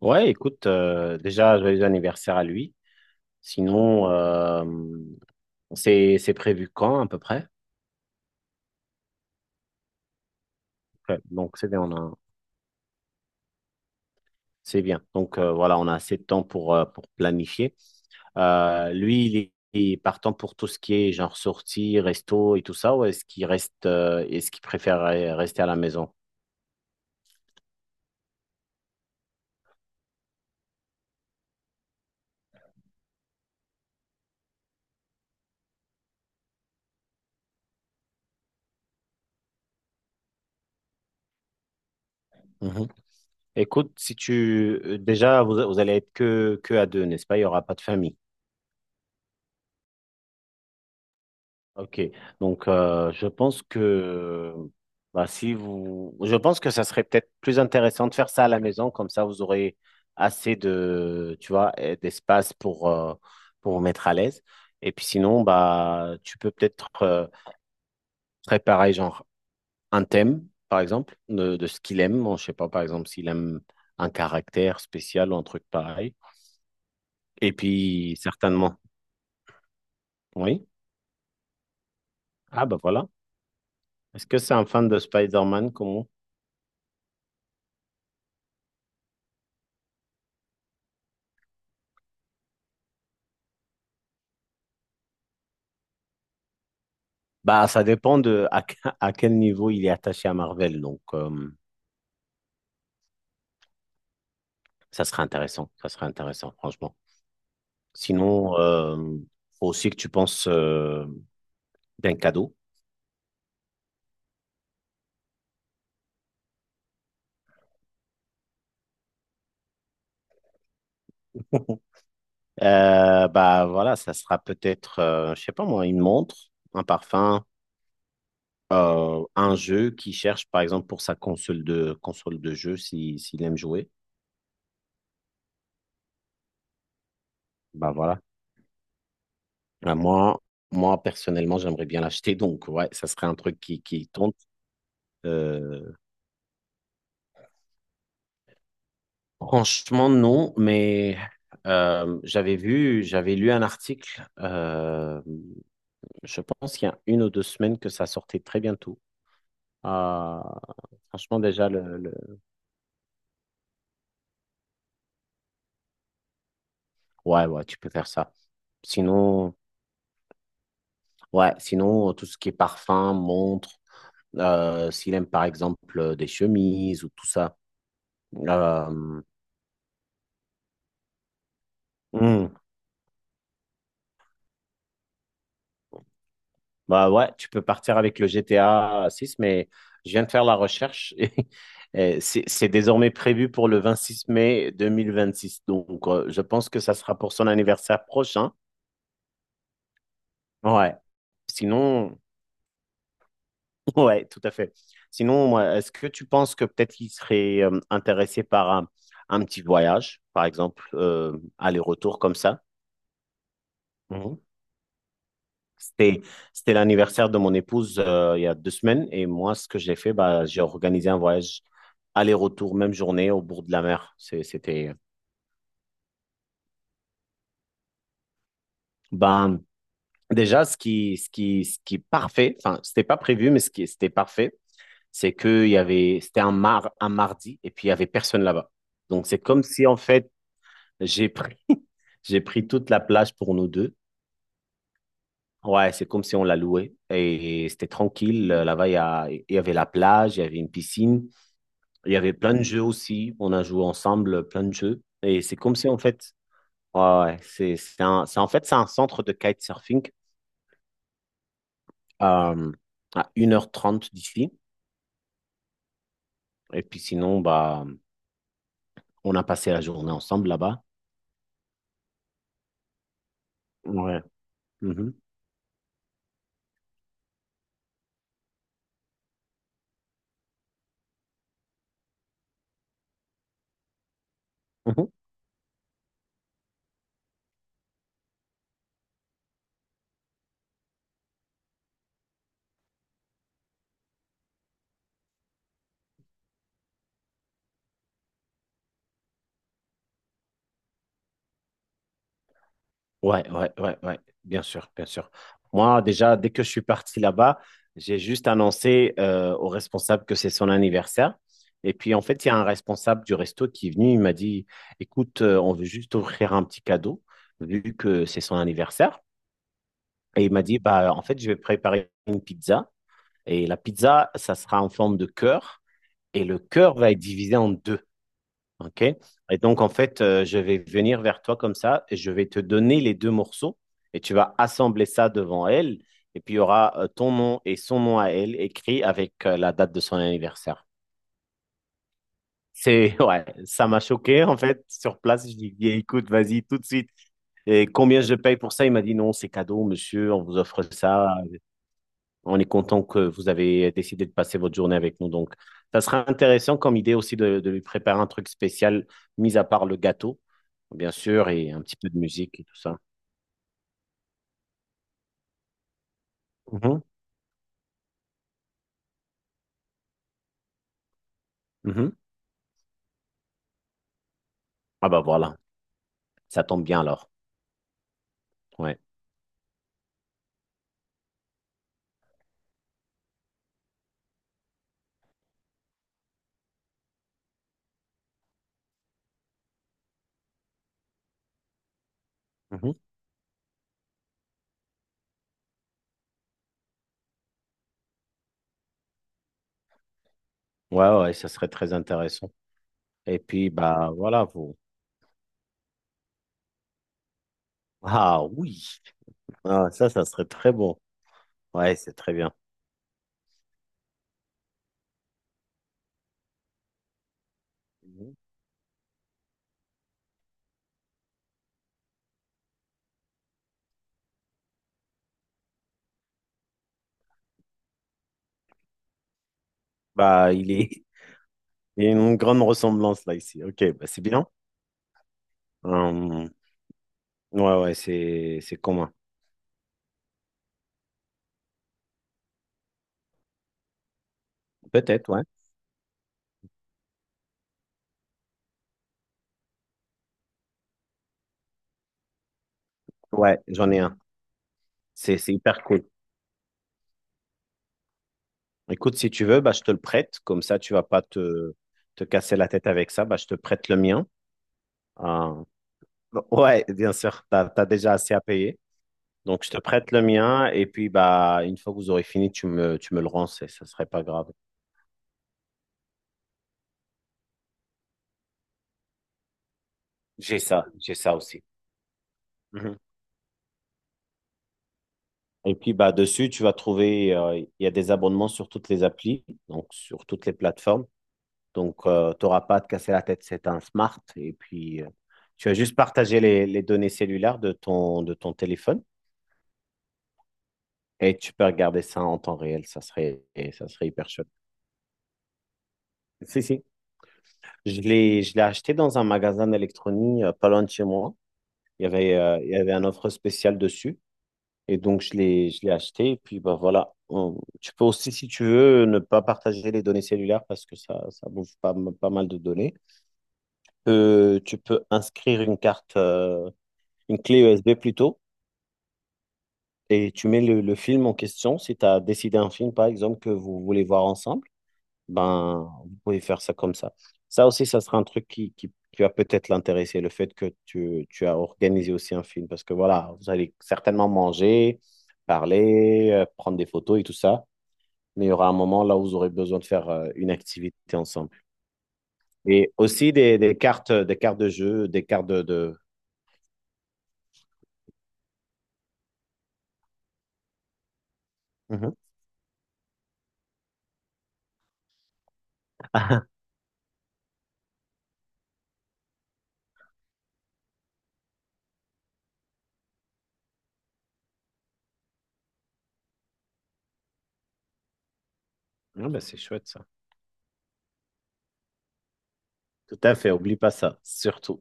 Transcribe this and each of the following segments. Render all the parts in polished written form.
Ouais, écoute, déjà, joyeux anniversaire à lui. Sinon, c'est prévu quand à peu près? Ouais, donc c'est bien, c'est bien. Donc voilà, on a assez de temps pour planifier. Lui, il est partant pour tout ce qui est genre sortie, resto et tout ça, ou est-ce qu'il reste, est-ce qu'il préfère rester à la maison? Mhm. Écoute, si tu déjà vous allez être que à deux, n'est-ce pas? Il n'y aura pas de famille. Ok, donc je pense que bah, si vous, je pense que ça serait peut-être plus intéressant de faire ça à la maison, comme ça vous aurez assez de, tu vois, d'espace pour vous mettre à l'aise. Et puis sinon, bah tu peux peut-être préparer genre un thème, par exemple, de ce qu'il aime. Bon, je sais pas, par exemple, s'il aime un caractère spécial ou un truc pareil. Et puis certainement, oui. Ah bah voilà. Est-ce que c'est un fan de Spider-Man comme Bah, ça dépend à quel niveau il est attaché à Marvel. Donc, ça serait intéressant. Ça serait intéressant, franchement. Sinon, faut aussi que tu penses d'un cadeau. Bah voilà, ça sera peut-être, je sais pas moi, une montre, un parfum, un jeu qu'il cherche, par exemple, pour sa console de jeu, si, s'il aime jouer. Bah voilà. Bah, moi personnellement, j'aimerais bien l'acheter. Donc ouais, ça serait un truc qui tente. euh, Franchement, non, mais j'avais lu un article, je pense qu'il y a 1 ou 2 semaines que ça sortait très bientôt. Euh, Franchement, déjà, Ouais, ouais, tu peux faire ça. Sinon, ouais, sinon, tout ce qui est parfum, montre, s'il aime par exemple des chemises ou tout ça. Euh, hmm, Bah ouais, tu peux partir avec le GTA 6, mais je viens de faire la recherche et c'est désormais prévu pour le 26 mai 2026. Donc, je pense que ça sera pour son anniversaire prochain. Ouais. Sinon, ouais, tout à fait. Sinon, moi, est-ce que tu penses que peut-être qu'il serait intéressé par un petit voyage, par exemple, aller-retour comme ça? C'était, c'était l'anniversaire de mon épouse il y a 2 semaines et moi, ce que j'ai fait, bah, j'ai organisé un voyage aller-retour, même journée, au bord de la mer. Ben, déjà, ce qui est parfait, enfin, c'était pas prévu, mais c'était parfait, c'est que il y avait, c'était un mardi et puis il y avait personne là-bas. Donc, c'est comme si, en fait, j'ai pris, j'ai pris toute la plage pour nous deux. Ouais, c'est comme si on l'a loué et c'était tranquille. Là-bas, il y avait la plage, il y avait une piscine. Il y avait plein de jeux aussi. On a joué ensemble plein de jeux. Et c'est comme si, en fait, ouais, ouais, en fait, c'est un centre de kitesurfing euh, à 1h30 d'ici. Et puis sinon, bah, on a passé la journée ensemble là-bas. Ouais. Mhm. Mhm. Ouais, ouais, ouais, ouais, bien sûr, bien sûr. Moi, déjà, dès que je suis parti là-bas, j'ai juste annoncé au responsable que c'est son anniversaire. Et puis, en fait, il y a un responsable du resto qui est venu, il m'a dit, écoute, on veut juste offrir un petit cadeau, vu que c'est son anniversaire. Et il m'a dit, bah, en fait, je vais préparer une pizza. Et la pizza, ça sera en forme de cœur. Et le cœur va être divisé en deux. OK? Et donc, en fait, je vais venir vers toi comme ça et je vais te donner les deux morceaux et tu vas assembler ça devant elle. Et puis, il y aura ton nom et son nom à elle écrit avec la date de son anniversaire. Ouais, ça m'a choqué en fait. Sur place, je lui ai dit, écoute, vas-y tout de suite. Et combien je paye pour ça? Il m'a dit, non, c'est cadeau, monsieur, on vous offre ça. On est content que vous avez décidé de passer votre journée avec nous. Donc, ça sera intéressant comme idée aussi de lui préparer un truc spécial, mis à part le gâteau, bien sûr, et un petit peu de musique et tout ça. Mhm, mhm. Ah bah voilà, ça tombe bien alors. Ouais. Mhm. Ouais, ouais, ça serait très intéressant. Et puis, bah voilà, vous. Ah oui, ah, ça serait très bon. Ouais, c'est très bien. Mhm. Bah, il est... Il y a une grande ressemblance là ici. Ok, bah, c'est bien. Hum, ouais, ouais, c'est commun. Peut-être, ouais. Ouais, j'en ai un. C'est hyper cool. Écoute, si tu veux, bah, je te le prête. Comme ça, tu vas pas te casser la tête avec ça. Bah, je te prête le mien. Hum, ouais, bien sûr, tu as déjà assez à payer. Donc, je te prête le mien et puis, bah, une fois que vous aurez fini, tu me le rends, ça serait pas grave. J'ai ça aussi. Mhm. Et puis, bah, dessus, tu vas trouver, il y a des abonnements sur toutes les applis, donc sur toutes les plateformes. Donc, tu n'auras pas à te casser la tête, c'est un smart. Et puis, tu vas juste partager les données cellulaires de ton téléphone et tu peux regarder ça en temps réel, et ça serait hyper chouette. Si, si. Je l'ai acheté dans un magasin d'électronique pas loin de chez moi. Il y avait un offre spéciale dessus. Et donc, je l'ai acheté. Et puis, bah, voilà. Tu peux aussi, si tu veux, ne pas partager les données cellulaires parce que ça bouffe pas, pas mal de données. Tu peux inscrire une carte, une clé USB plutôt. Et tu mets le film en question. Si tu as décidé un film, par exemple, que vous voulez voir ensemble. Ben, vous pouvez faire ça comme ça. Ça aussi, ça sera un truc qui va peut-être l'intéresser, le fait que tu as organisé aussi un film, parce que voilà, vous allez certainement manger, parler, prendre des photos et tout ça, mais il y aura un moment là où vous aurez besoin de faire une activité ensemble. Et aussi des cartes, des cartes de jeu, des cartes de... Mhm. Ah, ben, c'est chouette ça. Tout à fait, oublie pas ça, surtout.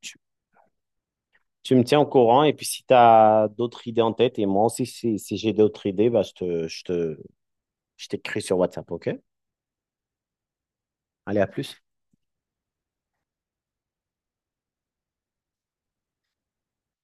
Tu, tu me tiens au courant et puis si tu as d'autres idées en tête, et moi aussi si j'ai d'autres idées, bah, je t'écris sur WhatsApp, OK? Allez, à plus.